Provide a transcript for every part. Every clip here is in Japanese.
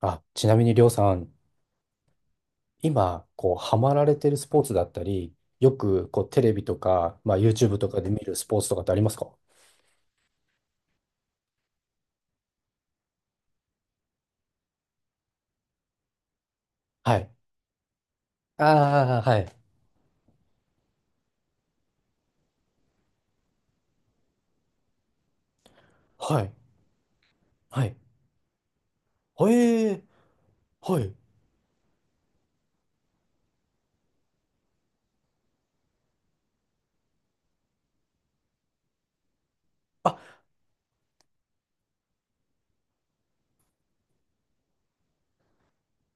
あ、ちなみにりょうさん、今、ハマられてるスポーツだったり、よく、テレビとか、まあ、YouTube とかで見るスポーツとかってありますか？はい。ああ、はい。はい。はい。はえ。はい。あ、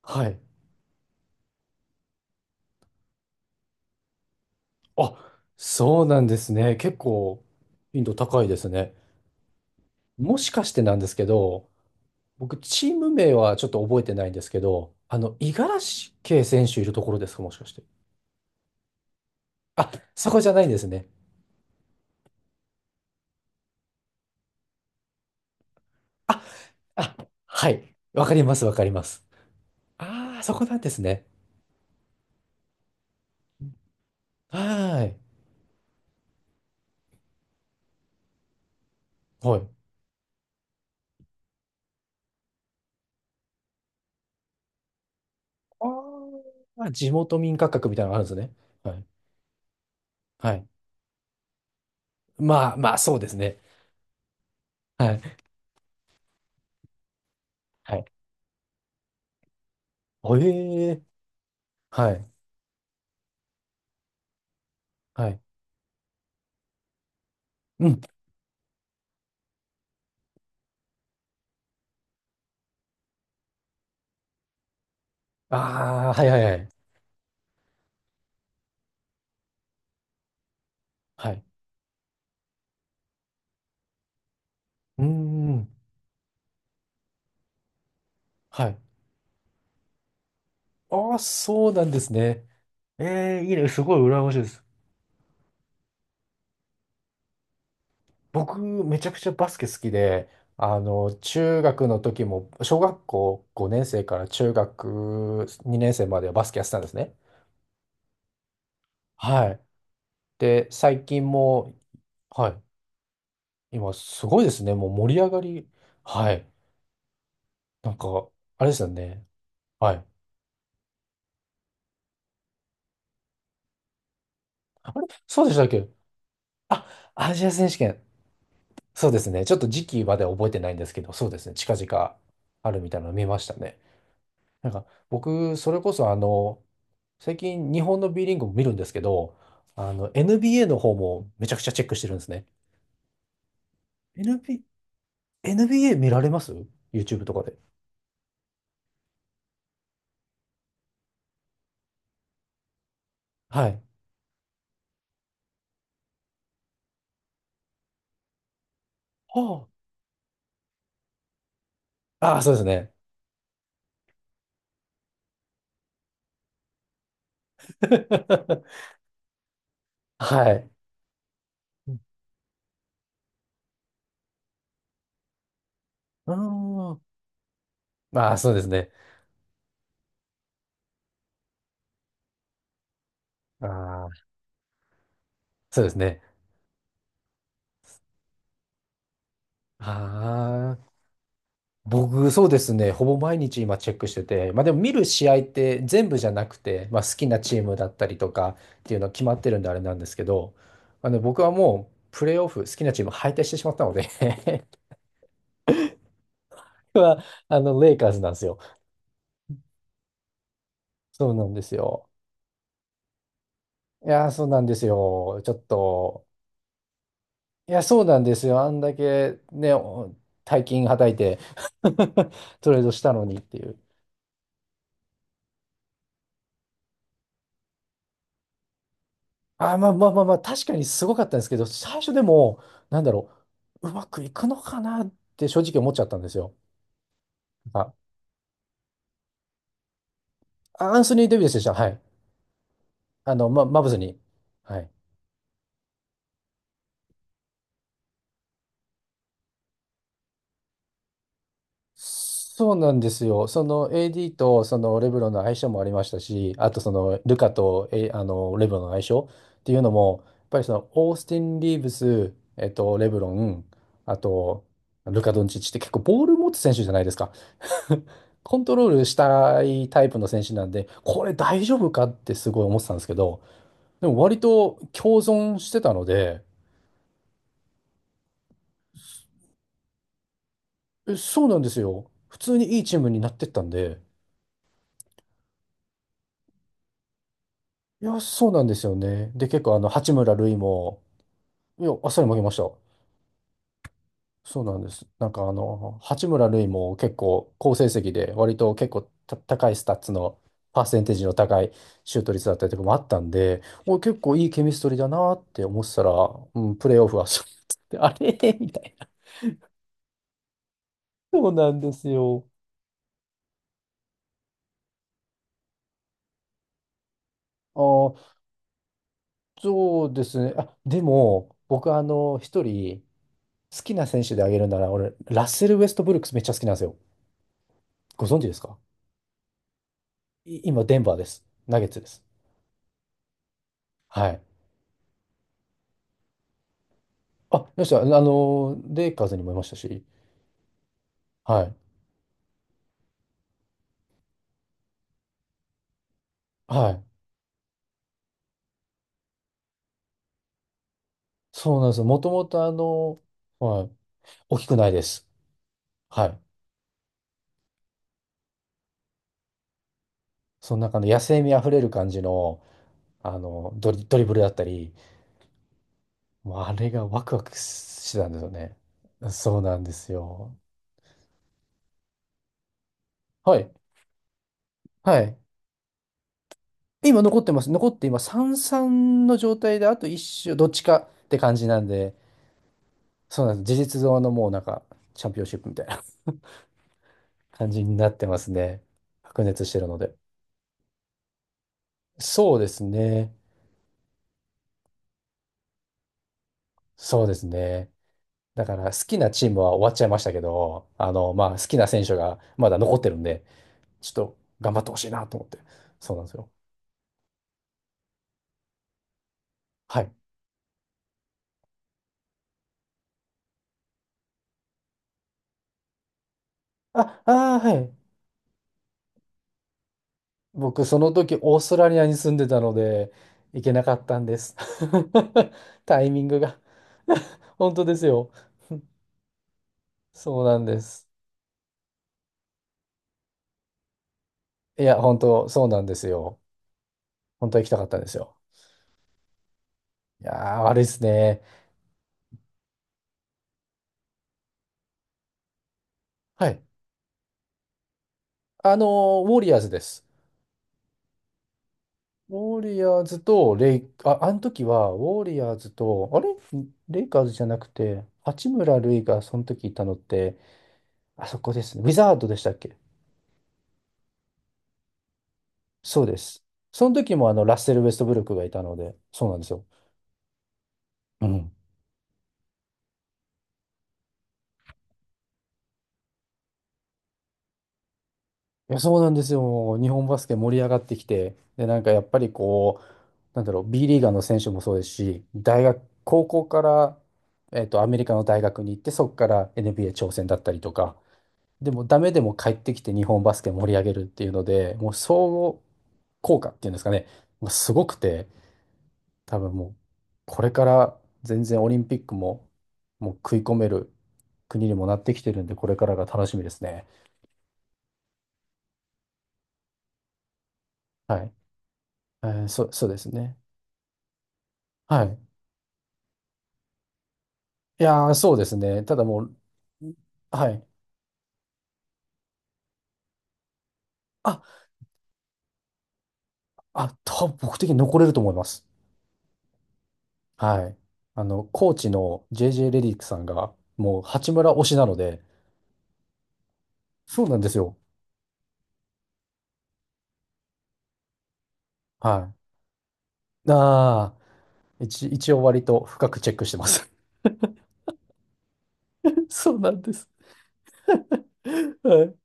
はい。あ、そうなんですね。結構、頻度高いですね。もしかしてなんですけど、僕、チーム名はちょっと覚えてないんですけど、五十嵐圭選手いるところですか、もしかして。あ、そこじゃないんですね。あ、はい。わかります、わかります。ああ、そこなんですね。はーい。はい。ああ、地元民価格みたいなのがあるんですね。はい。はい。まあ、まあ、そうですね。はい。はい。おええ。はい。はい。うん。ああ、はいはいはい。はい。うーん。はい。ああ、そうなんですね。ええ、いいね。すごい羨ましいです。僕、めちゃくちゃバスケ好きで、中学の時も、小学校5年生から中学2年生まではバスケやってたんですね。はい。で、最近も、はい。今、すごいですね。もう盛り上がり。はい。なんか、あれですよね。はい。あれそうでしたっけ？あ、アジア選手権。そうですね。ちょっと時期までは覚えてないんですけど、そうですね。近々あるみたいなの見ましたね。なんか、僕、それこそ最近日本の B リーグも見るんですけど、NBA の方もめちゃくちゃチェックしてるんですね。NB、NBA 見られます？ YouTube とかで。はい。はあ、ああ、そうですね。はい。うん。ああ、そうですね。ああ、そうですね。あ、僕、そうですね。ほぼ毎日今チェックしてて、まあでも見る試合って全部じゃなくて、まあ好きなチームだったりとかっていうのは決まってるんであれなんですけど、まあの僕はもうプレーオフ、好きなチーム敗退してしまったので 僕はあのレイカーズなんですよ。そうなんですよ。いやー、そうなんですよ。ちょっと、いや、そうなんですよ。あんだけね、大金はたいて トレードしたのにっていう。あ、まあまあまあまあ、確かにすごかったんですけど、最初でも、なんだろう、うまくいくのかなって正直思っちゃったんですよ。あ、アンソニー・デイビスでした。はい。マブズに。はい。そうなんですよ。その AD とそのレブロンの相性もありましたし、あとそのルカと、レブロンの相性っていうのも、やっぱりそのオースティン・リーブス、レブロン、あとルカ・ドンチッチって結構ボール持つ選手じゃないですか。コントロールしたいタイプの選手なんで、これ大丈夫かってすごい思ってたんですけど、でも割と共存してたので、そうなんですよ。普通にいいチームになってったんで、いや、そうなんですよね。で、結構八村塁も、いや、あっさり負けました。そうなんです。なんか八村塁も結構好成績で、割と結構高いスタッツの、パーセンテージの高いシュート率だったりとかもあったんで、お、結構いいケミストリーだなって思ってたら、うん、プレーオフはそうやってあれ みたいな。そうなんですよ。あー、そうですね。あ、でも、僕一人好きな選手であげるなら、俺、ラッセル・ウェストブルックスめっちゃ好きなんですよ。ご存知ですか？今、デンバーです。ナゲッツです。はい。あ、いました。レイカーズにもいましたし。はい。はい。そうなんですよ。もともと、はい。大きくないです。はい。その中の野生味あふれる感じの、ドリブルだったり、もうあれがワクワクしてたんですよね。そうなんですよ。はい。はい。今残ってます。残って今3-3の状態で、あと一周、どっちかって感じなんで、そうなんです。事実上のもうなんか、チャンピオンシップみたいな、感じになってますね。白熱してるので。そうですね。そうですね。だから好きなチームは終わっちゃいましたけど、まあ好きな選手がまだ残ってるんで、ちょっと頑張ってほしいなと思って。そうなんですよ。はい。あ、あー、はい。僕、その時オーストラリアに住んでたので、行けなかったんです。タイミングが 本当ですよ。そうなんです。いや、本当、そうなんですよ。本当は行きたかったんですよ。いやー、悪いですね。はい。ウォリアーズです。ウォリアーズとレイ、あ、あの時は、ウォリアーズと、あれレイカーズじゃなくて、八村塁がその時いたのって、あそこですね。ウィザードでしたっけ？そうです。その時もラッセル・ウェストブルックがいたので、そうなんですよ。うん。いや、そうなんですよ。日本バスケ盛り上がってきて、で、なんかやっぱりなんだろう、B リーガーの選手もそうですし、大学、高校から、アメリカの大学に行って、そこから NBA 挑戦だったりとか、でもダメでも帰ってきて日本バスケ盛り上げるっていうので、もう相互効果っていうんですかね、まあすごくて、多分もうこれから全然オリンピックももう食い込める国にもなってきてるんで、これからが楽しみですね。はい。そうですね。はい。いやー、そうですね。ただもう、はい。あ、あ、多分僕的に残れると思います。はい。コーチの JJ レディックさんが、もう八村推しなので、そうなんですよ。はい。ああ、一応割と深くチェックしてます。そうなんです。はい